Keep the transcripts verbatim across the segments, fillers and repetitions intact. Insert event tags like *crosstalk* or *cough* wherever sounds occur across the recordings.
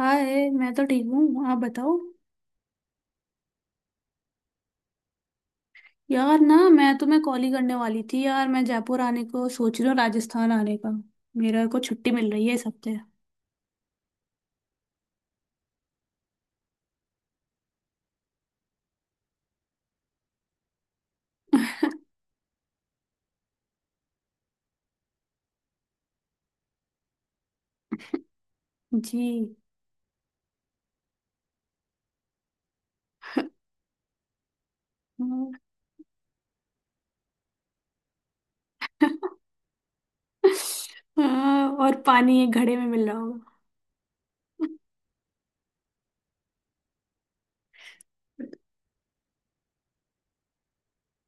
हाय मैं तो ठीक हूँ आप बताओ। यार ना मैं तुम्हें कॉल ही करने वाली थी यार मैं जयपुर आने को सोच रही हूँ राजस्थान आने का। मेरा को छुट्टी मिल रही है इस हफ्ते। जी। हाँ। *laughs* हाँ, और पानी एक घड़े में मिल रहा होगा।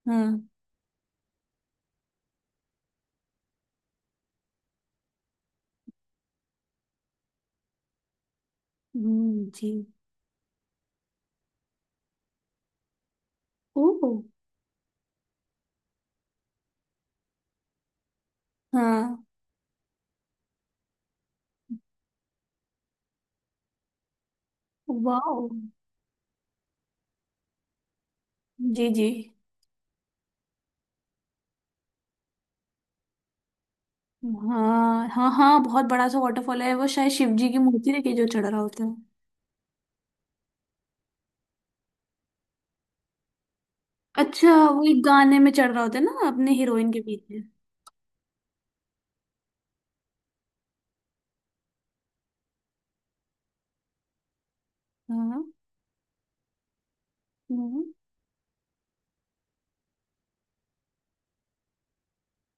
हाँ। हम्म, जी। ओ। हाँ। वाह। जी जी। हाँ हाँ हाँ, बहुत बड़ा सा वाटरफॉल है वो, शायद शिव जी की मूर्ति लेके जो चढ़ रहा होता है। अच्छा, वो एक गाने में चढ़ रहा होता है ना अपने हीरोइन के पीछे। हाँ, हम्म,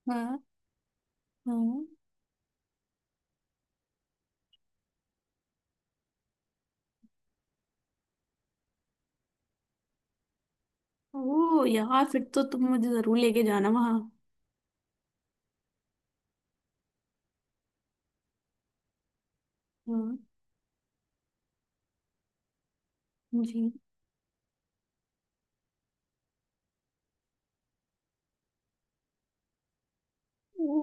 हाँ हाँ। ओ यार, फिर तो तुम मुझे जरूर लेके जाना वहां। हाँ। जी। ओ,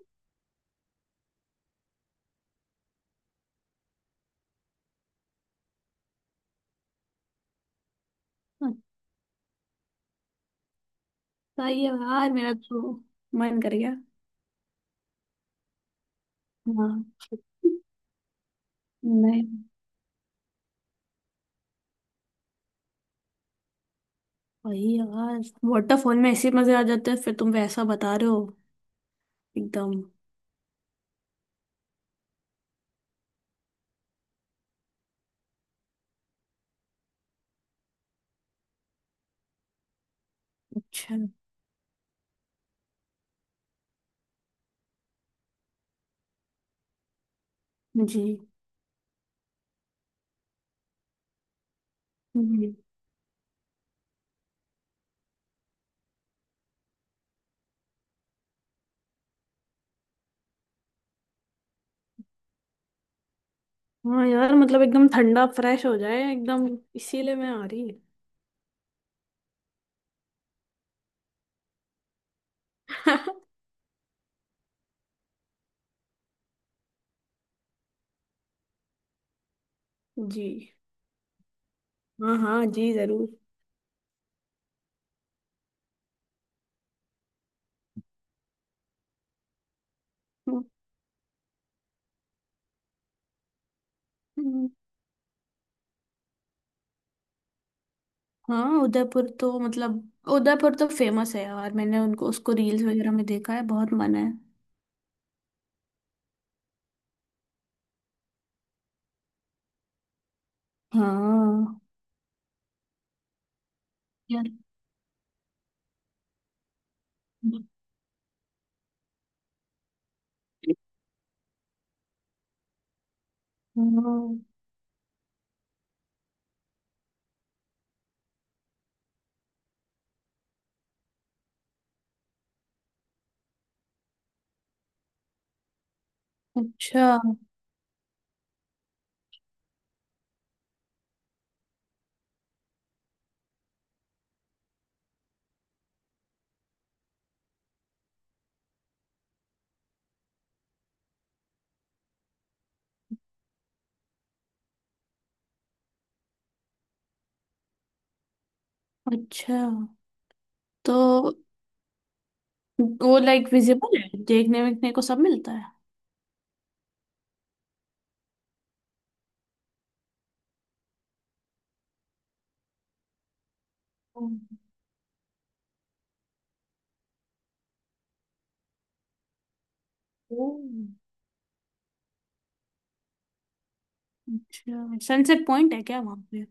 अच्छा ही है यार, मेरा तो मन कर गया। हाँ। नहीं। वही यार, वाटरफॉल में ऐसे मजे आ जाते हैं, फिर तुम वैसा बता रहे हो एकदम। अच्छा। जी। जी। हाँ यार, मतलब एकदम ठंडा फ्रेश हो जाए एकदम, इसीलिए मैं आ रही। *laughs* जी। हाँ हाँ, जी जरूर। हम्म। हाँ, उदयपुर तो मतलब उदयपुर तो फेमस है यार, मैंने उनको उसको रील्स वगैरह में देखा है, बहुत मन है। हाँ। यार। हाँ, अच्छा। अच्छा, तो वो लाइक विजिबल है, देखने देखने को सब मिलता है। ओ, ओ, अच्छा, सनसेट पॉइंट है क्या वहाँ पे।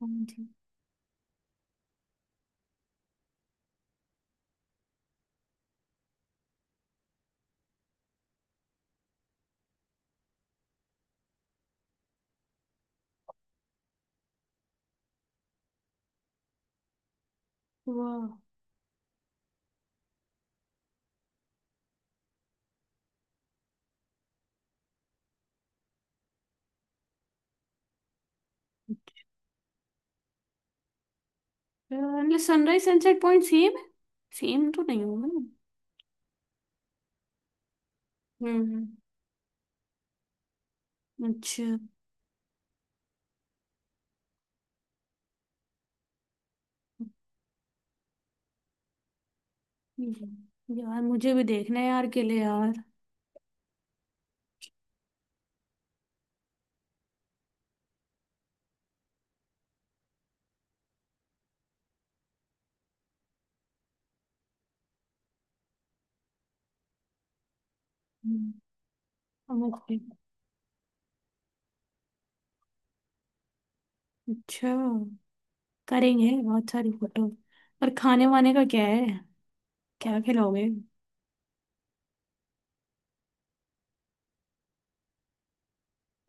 वाह। Sunrise sunset point same same तो नहीं होगा ना। हम्म। अच्छा। हम्म। यार मुझे भी देखना है यार, किले यार। हम्म। अब मुझे, अच्छा, करेंगे बहुत सारी फोटो। पर खाने वाने का क्या है, क्या खिलाओगे।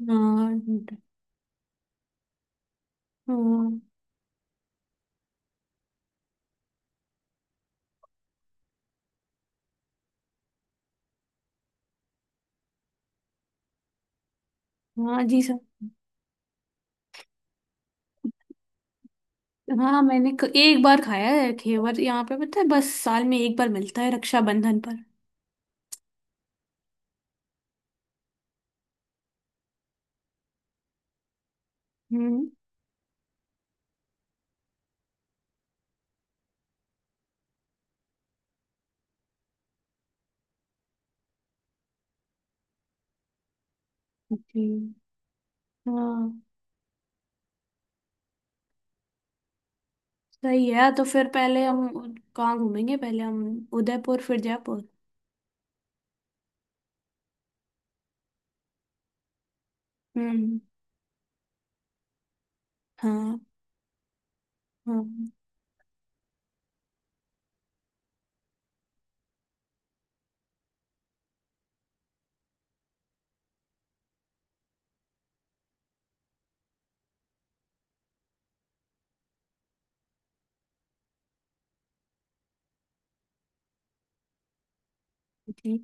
हाँ। हाँ हाँ जी सर। हाँ हाँ, मैंने क- एक बार खाया है घेवर यहाँ पे, पता है, बस साल में एक बार मिलता है रक्षाबंधन पर। हम्म। जी। हाँ। सही है, तो फिर पहले हम उ- कहाँ घूमेंगे, पहले हम उदयपुर फिर जयपुर। हम्म। हाँ। हाँ। जी।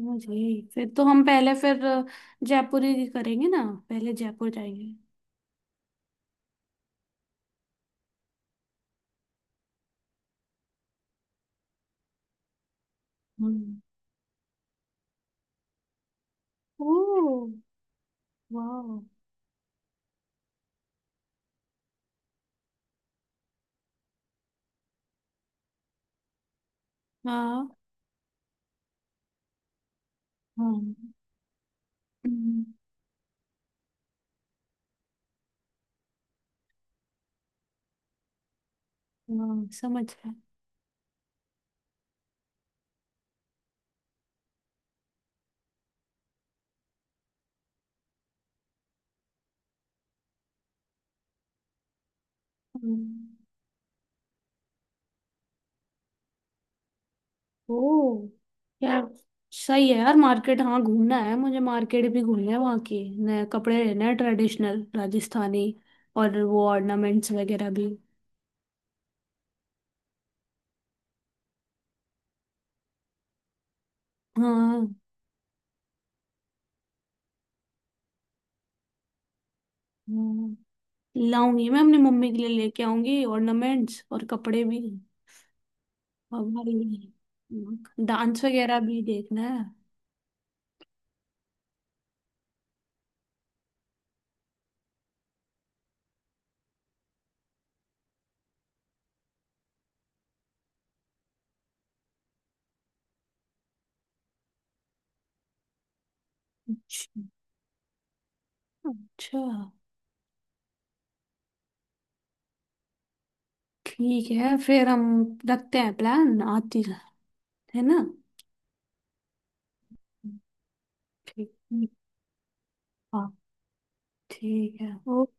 मुझे, फिर तो हम पहले फिर जयपुर ही करेंगे ना, पहले जयपुर जाएंगे। हम्म। ओ। वाह। हाँ। हम्म। हम्म, हाँ समझ गए। हम्म। ओ। यार। सही है यार, मार्केट हाँ घूमना है, मुझे मार्केट भी घूमना है, वहाँ के नए कपड़े लेने हैं ट्रेडिशनल राजस्थानी, और वो ऑर्नामेंट्स वगैरह भी। हाँ। हम्म। लाऊंगी, मैं अपनी मम्मी के लिए लेके आऊंगी ऑर्नामेंट्स और कपड़े भी। हमारी डांस वगैरह भी देखना है। अच्छा। अच्छा, ठीक है फिर, हम रखते हैं प्लान, आती है ना। ठीक ठीक। हाँ। ठीक है, ओके।